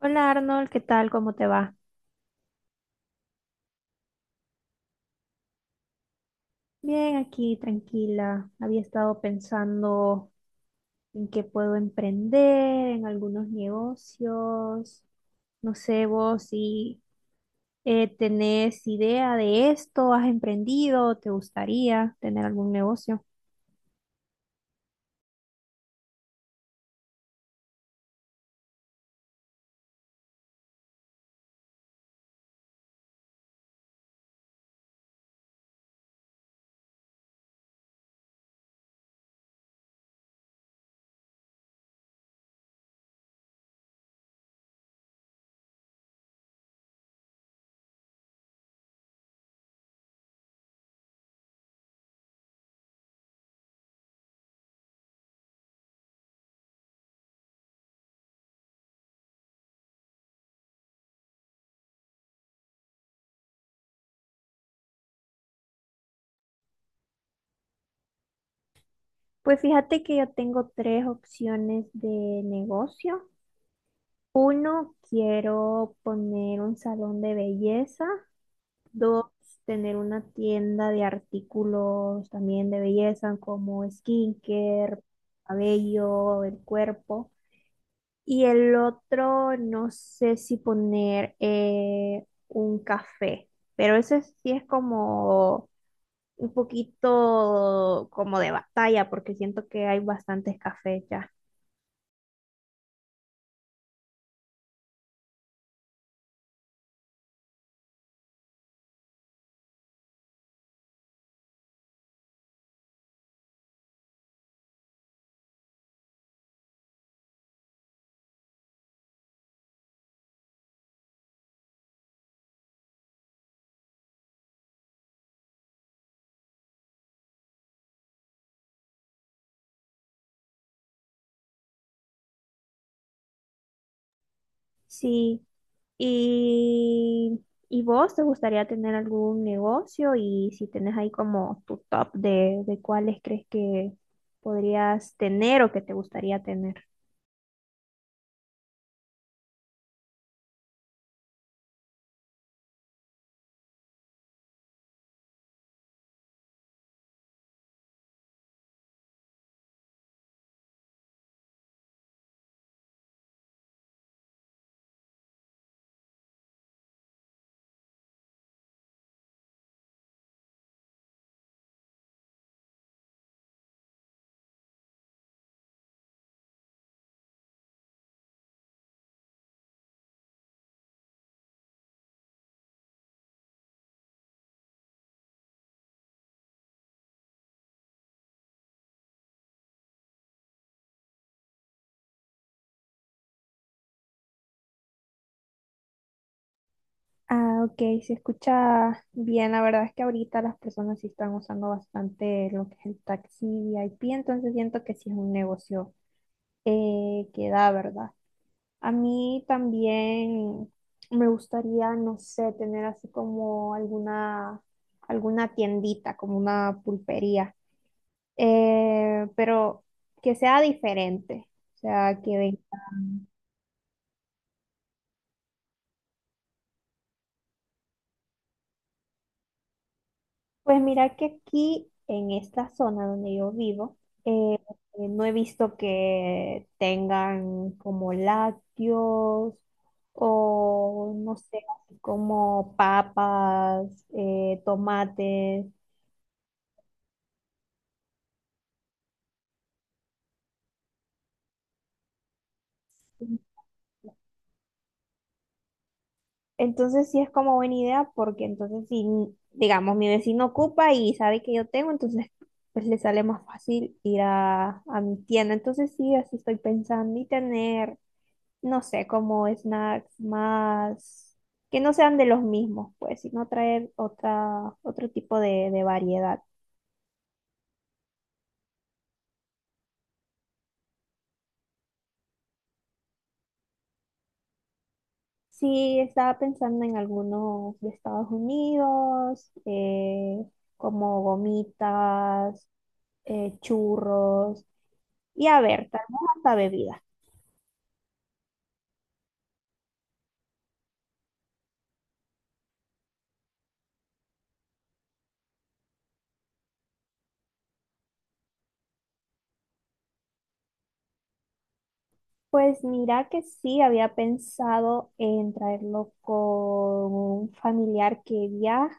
Hola Arnold, ¿qué tal? ¿Cómo te va? Bien, aquí tranquila. Había estado pensando en qué puedo emprender, en algunos negocios. No sé vos si tenés idea de esto, has emprendido, te gustaría tener algún negocio. Pues fíjate que yo tengo tres opciones de negocio. Uno, quiero poner un salón de belleza. Dos, tener una tienda de artículos también de belleza como skincare, cabello, el cuerpo. Y el otro, no sé si poner un café, pero ese sí es como un poquito como de batalla porque siento que hay bastantes cafés ya. Sí. ¿Y, y vos te gustaría tener algún negocio? Y si tenés ahí como tu top de cuáles crees que podrías tener o que te gustaría tener. Ah, ok, se escucha bien. La verdad es que ahorita las personas sí están usando bastante lo que es el taxi VIP, entonces siento que sí es un negocio que da, ¿verdad? A mí también me gustaría, no sé, tener así como alguna, alguna tiendita, como una pulpería, pero que sea diferente, o sea, que venga. Pues mira que aquí en esta zona donde yo vivo, eh, no he visto que tengan como lácteos o no sé, así como papas, tomates. Entonces sí es como buena idea porque entonces si, digamos, mi vecino ocupa y sabe que yo tengo, entonces pues le sale más fácil ir a mi tienda. Entonces sí, así estoy pensando y tener no sé, como snacks más, que no sean de los mismos, pues, sino traer otra, otro tipo de variedad. Sí, estaba pensando en algunos de Estados Unidos, como gomitas, churros, y a ver, tal vez hasta bebidas. Pues mira que sí, había pensado en traerlo con un familiar que viaja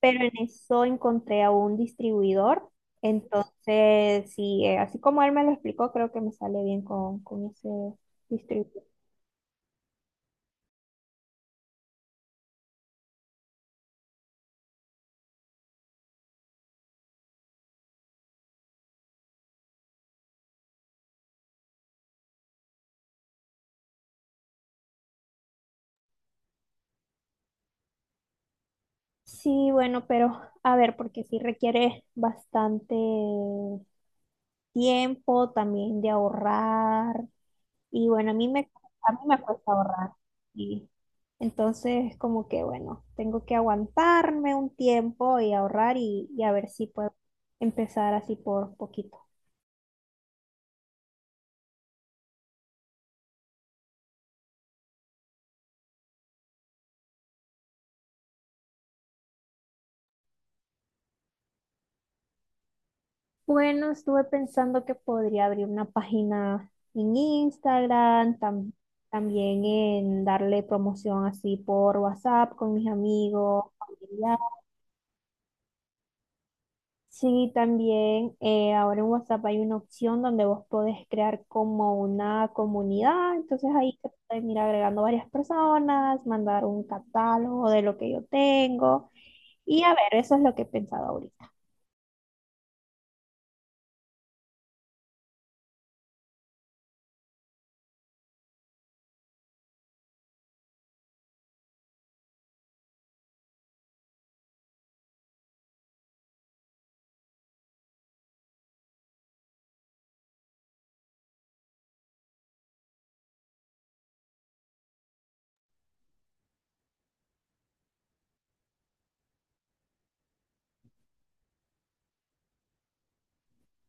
pero en eso encontré a un distribuidor. Entonces, sí, así como él me lo explicó, creo que me sale bien con ese distribuidor. Sí, bueno, pero a ver, porque sí requiere bastante tiempo también de ahorrar. Y bueno, a mí me cuesta ahorrar. Y entonces, como que bueno, tengo que aguantarme un tiempo y ahorrar y a ver si puedo empezar así por poquito. Bueno, estuve pensando que podría abrir una página en Instagram, también en darle promoción así por WhatsApp con mis amigos, familiares. Sí, también ahora en WhatsApp hay una opción donde vos podés crear como una comunidad, entonces ahí te pueden ir agregando varias personas, mandar un catálogo de lo que yo tengo y a ver, eso es lo que he pensado ahorita.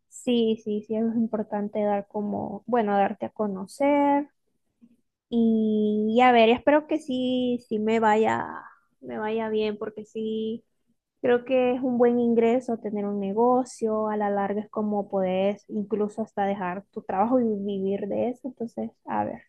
Sí, sí, sí, es importante dar como, bueno, darte a conocer y a ver, espero que sí, sí me vaya bien, porque sí, creo que es un buen ingreso tener un negocio, a la larga es como puedes incluso hasta dejar tu trabajo y vivir de eso, entonces, a ver.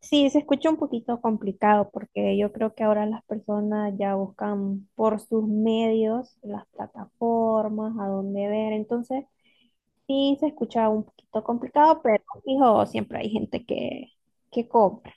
Sí, se escucha un poquito complicado porque yo creo que ahora las personas ya buscan por sus medios las plataformas, a dónde ver. Entonces, sí se escucha un poquito complicado, pero hijo, siempre hay gente que cobra.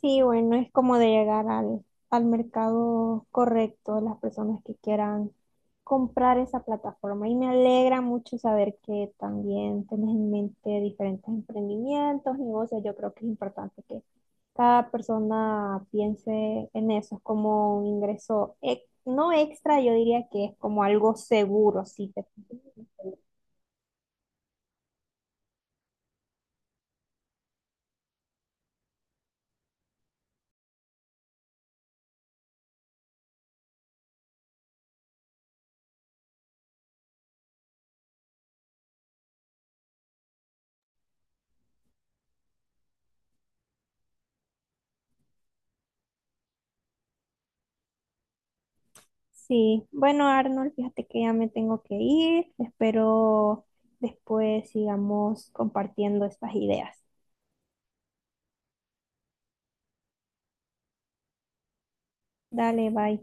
Sí, bueno, es como de llegar al mercado correcto, las personas que quieran comprar esa plataforma. Y me alegra mucho saber que también tenés en mente diferentes emprendimientos, negocios. Yo creo que es importante que cada persona piense en eso. Es como un ingreso, no extra, yo diría que es como algo seguro, sí. te- Sí, bueno, Arnold, fíjate que ya me tengo que ir. Espero después sigamos compartiendo estas ideas. Dale, bye.